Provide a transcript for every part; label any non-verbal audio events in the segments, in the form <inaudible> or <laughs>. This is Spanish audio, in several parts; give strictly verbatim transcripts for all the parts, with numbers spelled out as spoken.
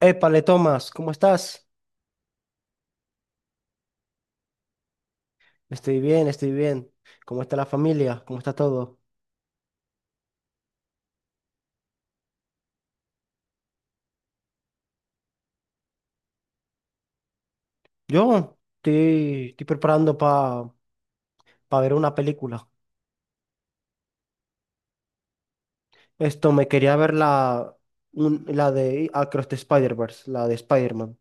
Épale, Tomás, ¿cómo estás? Estoy bien, estoy bien. ¿Cómo está la familia? ¿Cómo está todo? Yo estoy, estoy preparando para ver una película. Esto, me quería ver la, un- la de Across the Spider-Verse, la de Spider-Man.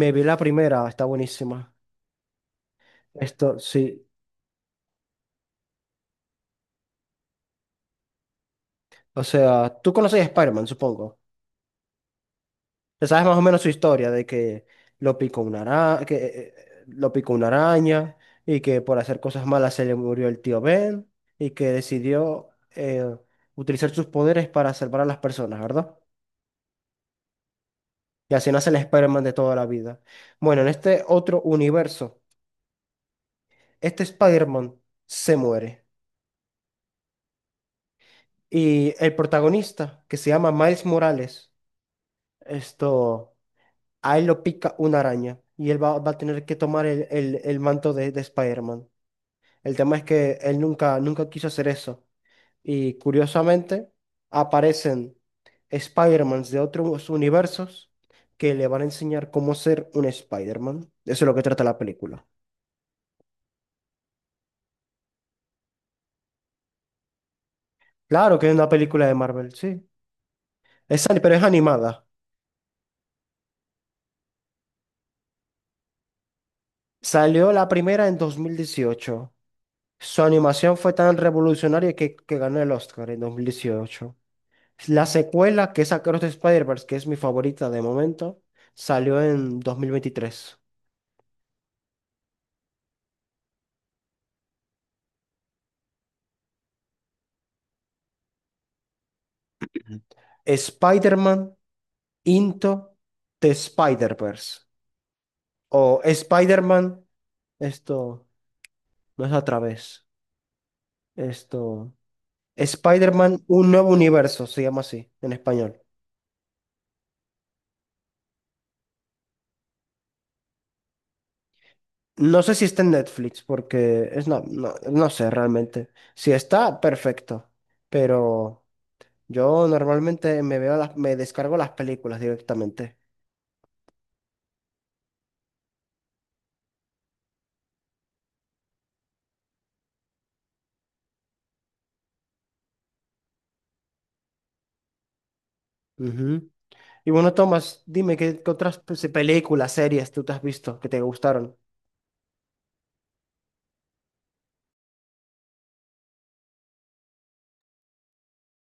Me vi la primera, está buenísima. Esto, sí. O sea, tú conoces a Spider-Man, supongo. Te sabes más o menos su historia de que lo picó una araña, que eh, eh, lo picó una araña y que por hacer cosas malas se le murió el tío Ben y que decidió eh, utilizar sus poderes para salvar a las personas, ¿verdad? Y así nace el Spider-Man de toda la vida. Bueno, en este otro universo, este Spider-Man se muere y el protagonista, que se llama Miles Morales, esto, a él lo pica una araña y él va, va a tener que tomar el, el- el manto de, de Spider-Man. El tema es que él nunca, nunca quiso hacer eso. Y curiosamente aparecen Spider-Mans de otros universos que le van a enseñar cómo ser un Spider-Man. Eso es lo que trata la película. Claro que es una película de Marvel, sí. Es, ani- pero es animada. Salió la primera en dos mil dieciocho. Su animación fue tan revolucionaria que, que ganó el Oscar en dos mil dieciocho. La secuela, que es Across the Spider-Verse, que es mi favorita de momento, salió en dos mil veintitrés. Spider-Man Into the Spider-Verse. O Spider-Man, esto no es a través. Esto. Spider-Man, un nuevo universo, se llama así en español. No sé si está en Netflix, porque es no, no, no sé realmente. Si está, perfecto. Pero yo normalmente me veo las, me descargo las películas directamente. Ujú. Y bueno, Tomás, dime qué, qué otras pues, películas, series tú te has visto que te gustaron.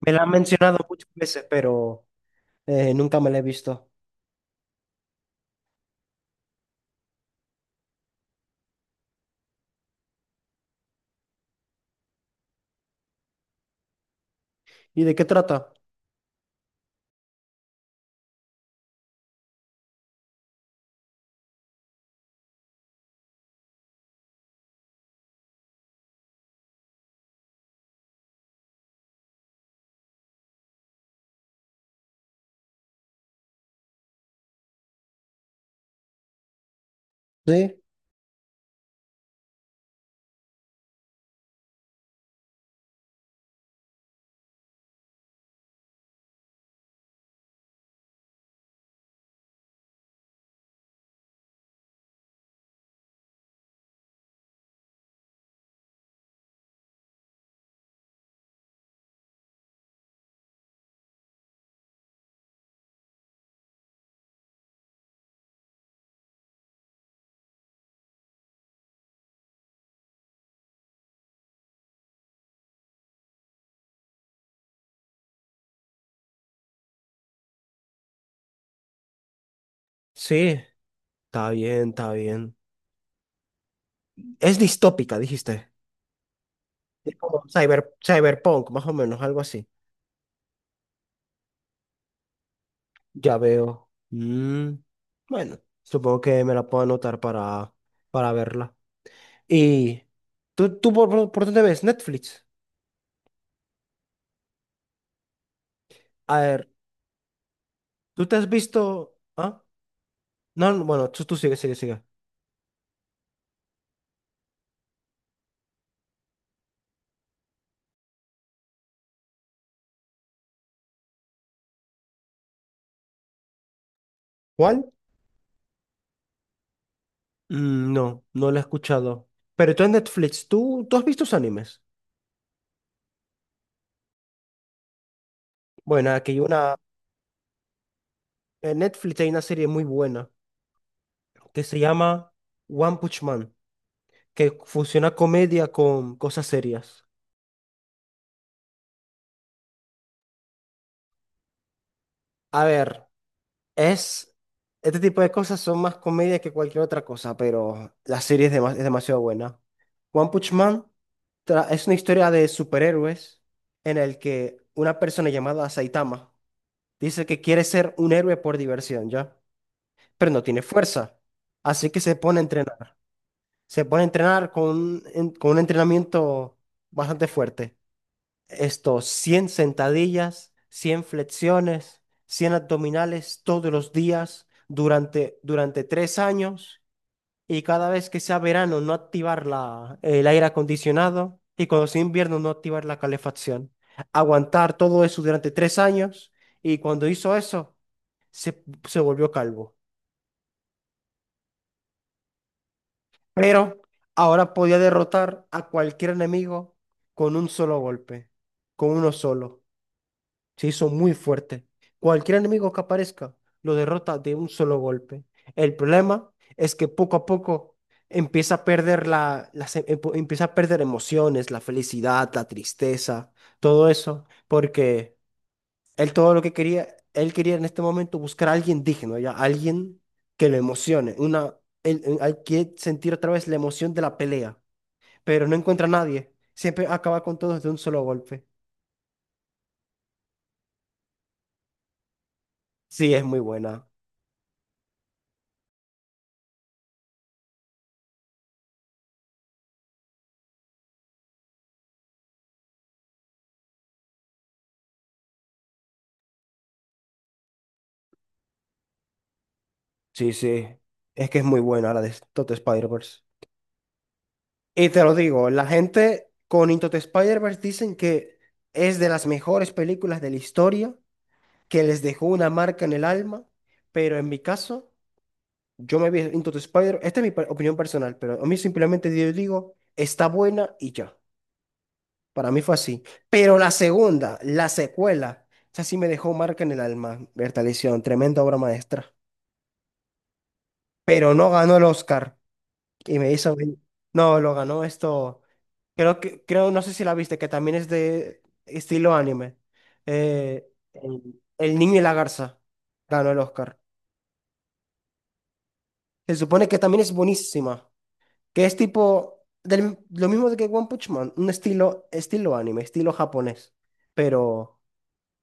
Me la han mencionado muchas veces, pero eh, nunca me la he visto. ¿Y de qué trata? Sí, sí, está bien, está bien. Es distópica, dijiste. Es como cyber, cyberpunk, más o menos, algo así. Ya veo. Mm, bueno, supongo que me la puedo anotar para, para verla. ¿Y tú, tú por, por- por dónde ves? Netflix. A ver, ¿tú te has visto? ¿Ah? No, no, bueno, tú, tú sigue, sigue, sigue. ¿Cuál? Mm, No, no la he escuchado. Pero tú en Netflix, ¿tú, tú has visto tus animes? Bueno, aquí hay una, en Netflix hay una serie muy buena que se llama One Punch Man, que fusiona comedia con cosas serias. A ver, es, este tipo de cosas son más comedia que cualquier otra cosa, pero la serie es, dema- es demasiado buena. One Punch Man tra- es una historia de superhéroes en el que una persona llamada Saitama dice que quiere ser un héroe por diversión, ¿ya? Pero no tiene fuerza. Así que se pone a entrenar. Se pone a entrenar con, un en- con un entrenamiento bastante fuerte. Estos cien sentadillas, cien flexiones, cien abdominales todos los días durante, durante tres años. Y cada vez que sea verano, no activar la, el aire acondicionado. Y cuando sea invierno, no activar la calefacción. Aguantar todo eso durante tres años. Y cuando hizo eso, se, se volvió calvo. Pero ahora podía derrotar a cualquier enemigo con un solo golpe, con uno solo. Se hizo muy fuerte. Cualquier enemigo que aparezca lo derrota de un solo golpe. El problema es que poco a poco empieza a perder la, las em- empo- empieza a perder emociones, la felicidad, la tristeza, todo eso, porque él todo lo que quería, él quería en este momento buscar a alguien digno, ya alguien que lo emocione, una, él, él- él quiere sentir otra vez la emoción de la pelea, pero no encuentra a nadie. Siempre acaba con todos de un solo golpe. Sí, es muy buena. Sí, sí. Es que es muy buena la de Into the Spider-Verse. Y te lo digo, la gente con Into the Spider-Verse dicen que es de las mejores películas de la historia, que les dejó una marca en el alma, pero en mi caso. Yo me vi Into the Spider, esta es mi per- opinión personal, pero a mí simplemente yo digo, está buena y ya. Para mí fue así. Pero la segunda, la secuela, esa sí me dejó marca en el alma. Bertalición, tremenda obra maestra. Pero no ganó el Oscar. Y me hizo ven- no, lo ganó esto. Creo que, creo, no sé si la viste, que también es de estilo anime. Eh, el, el niño y la garza ganó el Oscar. Se supone que también es buenísima. Que es tipo del- lo mismo de que One Punch Man, un estilo, estilo anime, estilo japonés. Pero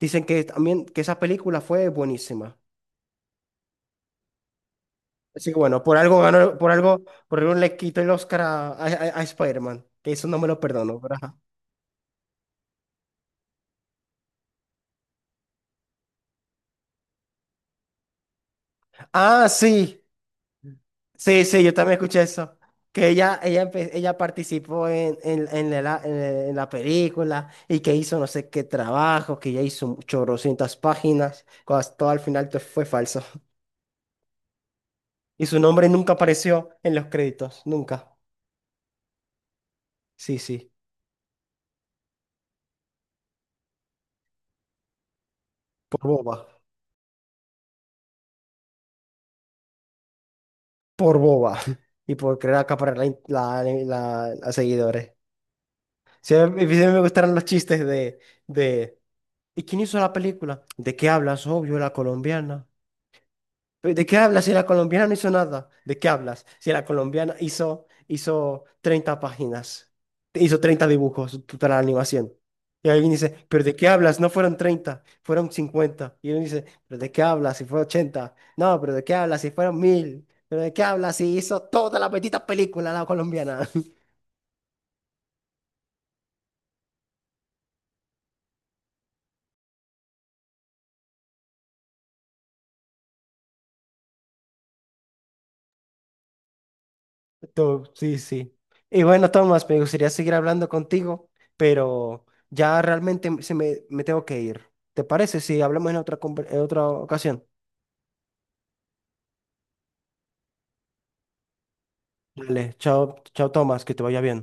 dicen que también que esa película fue buenísima. Así que bueno, por algo ganó, por algo, por algo le quitó el Oscar a, a, a- a Spider-Man, que eso no me lo perdono, pero ajá. Ah, sí, sí, sí, yo también escuché eso. Que ella, ella, empe- ella participó en, en, en la, en la en la película y que hizo no sé qué trabajo, que ya hizo chorrocientas páginas, cuando todo al final te fue falso. Y su nombre nunca apareció en los créditos, nunca. Sí, sí, por boba, por boba. <laughs> Y por querer acaparar la, in- la, la- a seguidores. Siempre, siempre me gustaron los chistes de, de... ¿Y quién hizo la película? ¿De qué hablas? Obvio, la colombiana. Pero ¿de qué hablas si la colombiana no hizo nada? ¿De qué hablas si la colombiana hizo, hizo treinta páginas? Hizo treinta dibujos t- para la animación. Y alguien dice, ¿pero de qué hablas? No fueron treinta, fueron cincuenta. Y uno dice, ¿pero de qué hablas si fue ochenta? No, ¿pero de qué hablas si fueron mil? ¿Pero de qué hablas si hizo toda la petita película la colombiana? Tú- sí, sí. Y bueno, Tomás, me gustaría seguir hablando contigo, pero ya realmente se me, me tengo que ir. ¿Te parece si hablamos en otra, conver- en otra ocasión? Dale, chao, chao, Tomás, que te vaya bien.